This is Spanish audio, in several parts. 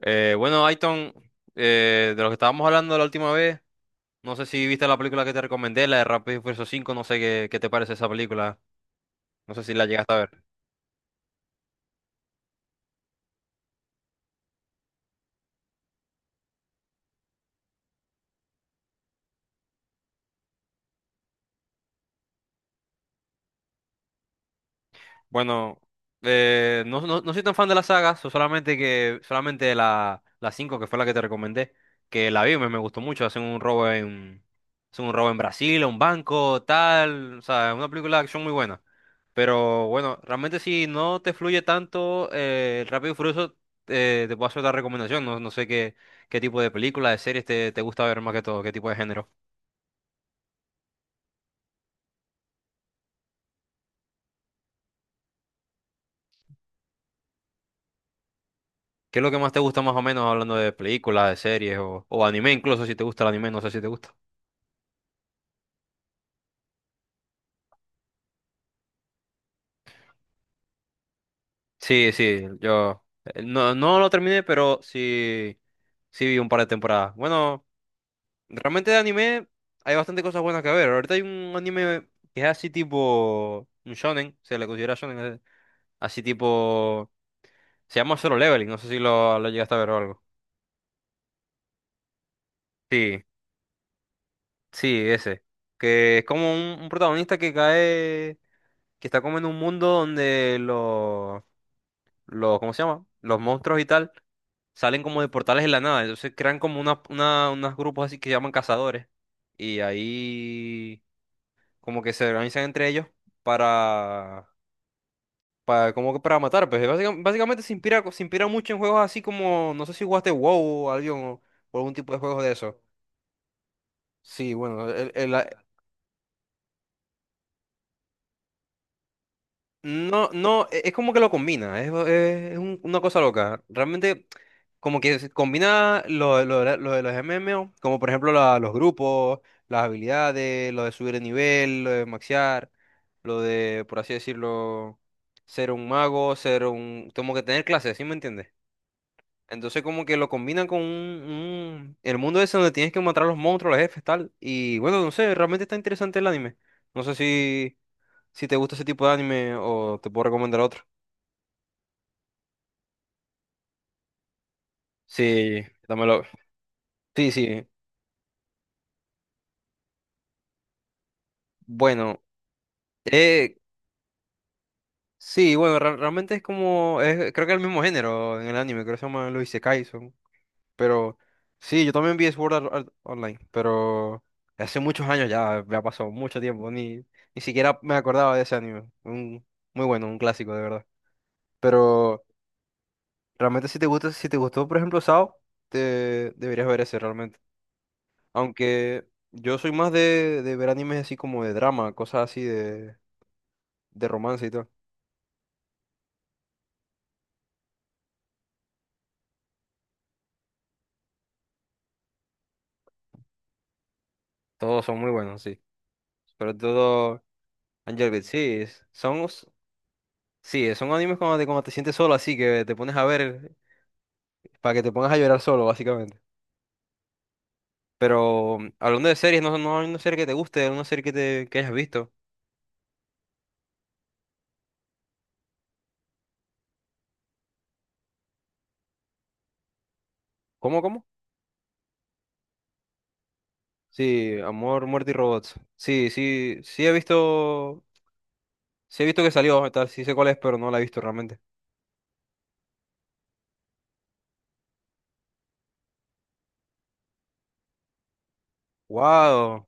Bueno, Aiton, de lo que estábamos hablando la última vez, no sé si viste la película que te recomendé, la de Rápido y Furioso 5, no sé qué, te parece esa película, no sé si la llegaste a ver. Bueno, no, no, no soy tan fan de la saga, solamente que solamente la 5 que fue la que te recomendé, que la vi, me gustó mucho, hacen un robo en Brasil, a un banco, tal, o sea, una película de acción muy buena. Pero bueno, realmente si no te fluye tanto el Rápido y Furioso, te puedo hacer otra recomendación. No, no sé qué tipo de películas, de series te gusta ver más que todo, qué tipo de género. ¿Qué es lo que más te gusta más o menos hablando de películas, de series o anime incluso, si te gusta el anime, no sé si te gusta. Sí, sí, yo no, no lo terminé, pero sí, sí vi un par de temporadas. Bueno, realmente de anime hay bastante cosas buenas que ver. Ahorita hay un anime que es así tipo un shonen, se le considera shonen, así tipo. Se llama Solo Leveling, no sé si lo llegaste a ver o algo. Sí, sí, ese. Que es como un protagonista que cae, que está como en un mundo donde los, ¿cómo se llama? Los monstruos y tal salen como de portales en la nada. Entonces crean como una, unos grupos así que llaman cazadores. Y ahí como que se organizan entre ellos para, para como que para matar. Pues básicamente se inspira mucho en juegos así como, no sé si jugaste WoW o algo, o algún tipo de juegos de eso. Sí, bueno, no, no, es como que lo combina, es una cosa loca. Realmente, como que se combina lo de los MMO, como por ejemplo los grupos, las habilidades, lo de subir de nivel, lo de maxear, lo de, por así decirlo, ser un mago, como que tener clases, ¿sí me entiendes? Entonces como que lo combinan con el mundo ese donde tienes que matar a los monstruos, los jefes, tal. Y bueno, no sé, realmente está interesante el anime. No sé si. Si te gusta ese tipo de anime o te puedo recomendar otro. Sí, dámelo. Sí, sí. Bueno, eh, sí, bueno, realmente es como, creo que es el mismo género en el anime, creo que se llama los Isekais. Pero sí, yo también vi Sword Art Online, pero hace muchos años ya, me ha pasado mucho tiempo, ni siquiera me acordaba de ese anime. Muy bueno, un clásico, de verdad. Pero realmente si te gustó, por ejemplo, Sao, te deberías ver ese realmente. Aunque yo soy más de ver animes así como de drama, cosas así de romance y todo. Todos son muy buenos, sí. Pero todo Angel Beats, sí. es- Son, os- sí, son animes cuando te sientes solo, así que te pones a ver para que te pongas a llorar solo, básicamente. Pero hablando de series, no, no hay una serie que te guste, una serie que hayas visto. ¿Cómo, cómo? Sí, Amor, Muerte y Robots. Sí, sí, sí he visto que salió, tal, sí sé cuál es, pero no la he visto realmente. Wow.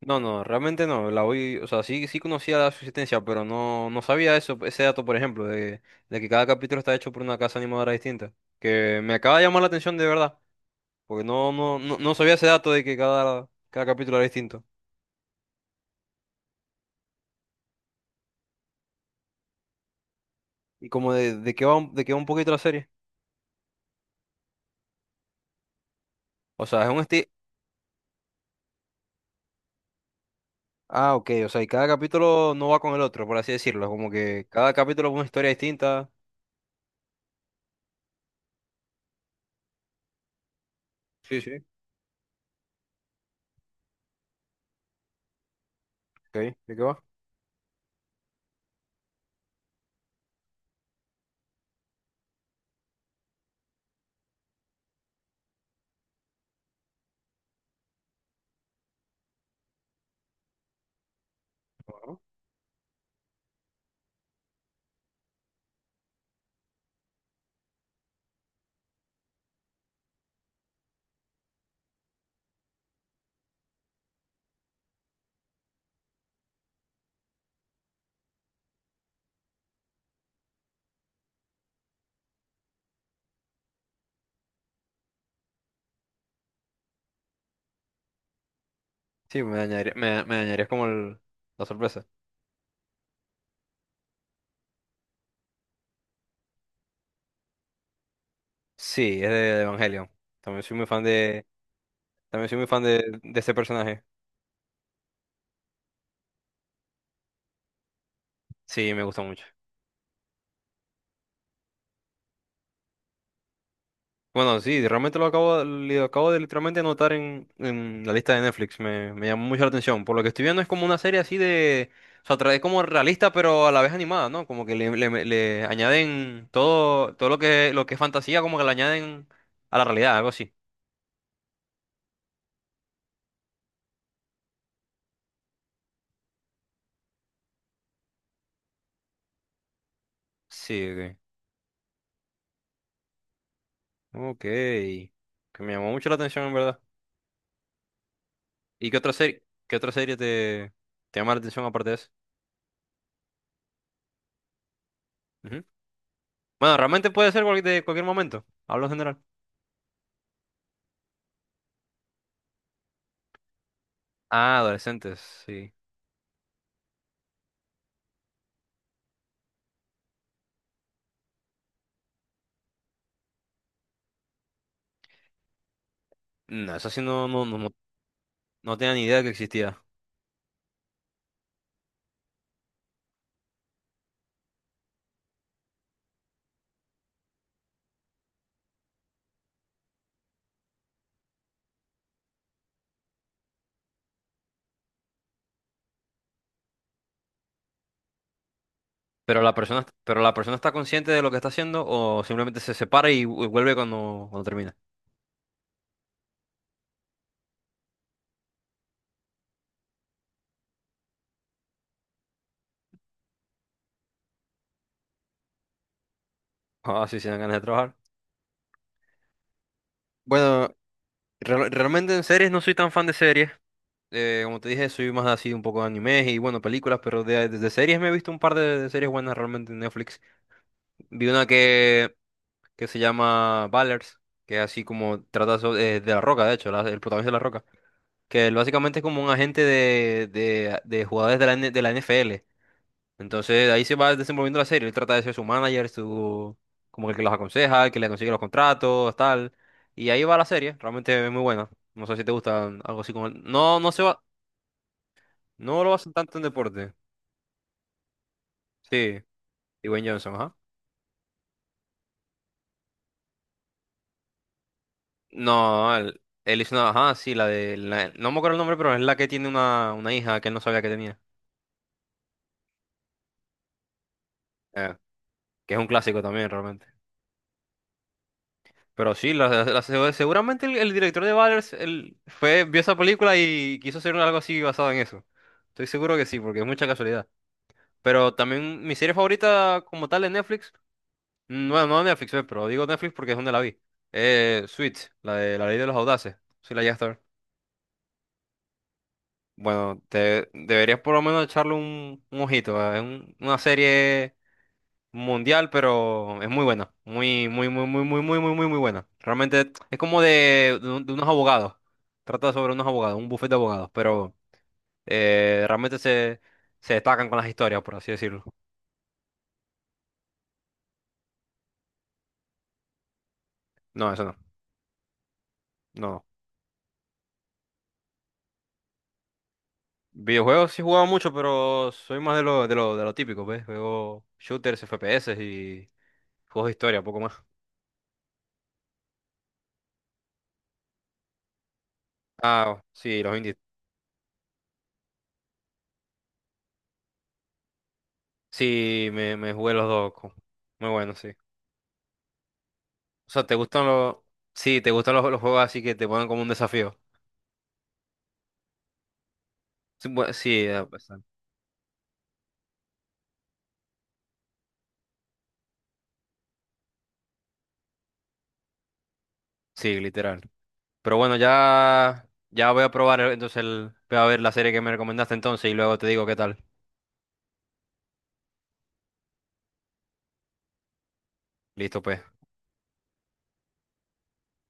No, no, realmente no. O sea, sí, sí conocía la subsistencia, pero no, no sabía eso, ese dato, por ejemplo, de que cada capítulo está hecho por una casa animadora distinta. Que me acaba de llamar la atención de verdad, porque no, no, no, no sabía ese dato de que cada capítulo era distinto. Y como de qué va, de qué va un poquito la serie. O sea, es un estilo. Ah, ok, o sea, y cada capítulo no va con el otro, por así decirlo. Como que cada capítulo es una historia distinta. Sí, sí. Ok, ¿de qué va? Ajá. Sí, me dañarías como la sorpresa. Sí, es de Evangelion. También soy muy fan de, también soy muy fan de ese personaje. Sí, me gusta mucho. Bueno, sí, realmente lo acabo de literalmente anotar en la lista de Netflix. Me llamó mucho la atención. Por lo que estoy viendo es como una serie así de, o sea, trae como realista, pero a la vez animada, ¿no? Como que le añaden todo, lo que es fantasía, como que le añaden a la realidad, algo así. Sí, ok. Ok. Que me llamó mucho la atención, en verdad. ¿Y qué otra serie, te llama la atención aparte de esa? Ujú. Bueno, realmente puede ser de cualquier momento. Hablo en general. Ah, adolescentes, sí. No, eso sí no, no, no, no tenía ni idea que existía. Pero la persona está consciente de lo que está haciendo o simplemente se separa y, vuelve cuando termina. Ah, sí, se dan ganas de trabajar. Bueno, realmente en series no soy tan fan de series. Como te dije, soy más así un poco de animes y bueno, películas, pero de series me he visto un par de series buenas realmente en Netflix. Vi una que se llama Ballers, que es así como trata La Roca, de hecho, el protagonista de La Roca, que él básicamente es como un agente de jugadores de la NFL. Entonces ahí se va desenvolviendo la serie, él trata de ser su manager, su, como el que los aconseja, el que le consigue los contratos, tal. Y ahí va la serie, realmente es muy buena. No sé si te gusta algo así como. No, no se va, no lo hacen tanto en deporte. Sí, Dwayne Johnson, ajá. No, él hizo una, ajá, sí, no me acuerdo el nombre, pero es la que tiene una hija que él no sabía que tenía. Eh, que es un clásico también realmente. Pero sí, seguramente el director de Valers vio esa película y quiso hacer algo así basado en eso. Estoy seguro que sí, porque es mucha casualidad. Pero también mi serie favorita como tal de Netflix, bueno, no de Netflix, pero digo Netflix porque es donde la vi. Suits, la de La Ley de los Audaces. Sí, la llegaste a ver. Bueno, deberías por lo menos echarle un ojito. Es una serie mundial, pero es muy buena. Muy, muy, muy, muy, muy, muy, muy, muy, muy buena. Realmente es como de unos abogados. Trata sobre unos abogados, un bufete de abogados, pero realmente se destacan con las historias, por así decirlo. No, eso no. No. Videojuegos sí he jugado mucho, pero soy más de lo típico, ¿ves? Juego shooters, FPS y juegos de historia, poco más. Ah, sí, los indies. Sí, me jugué los dos. Muy bueno, sí. O sea, Sí, ¿te gustan los juegos así que te ponen como un desafío? Sí, sí, bastante. Sí, literal. Pero bueno, ya voy a probar entonces voy a ver la serie que me recomendaste entonces y luego te digo qué tal. Listo, pues.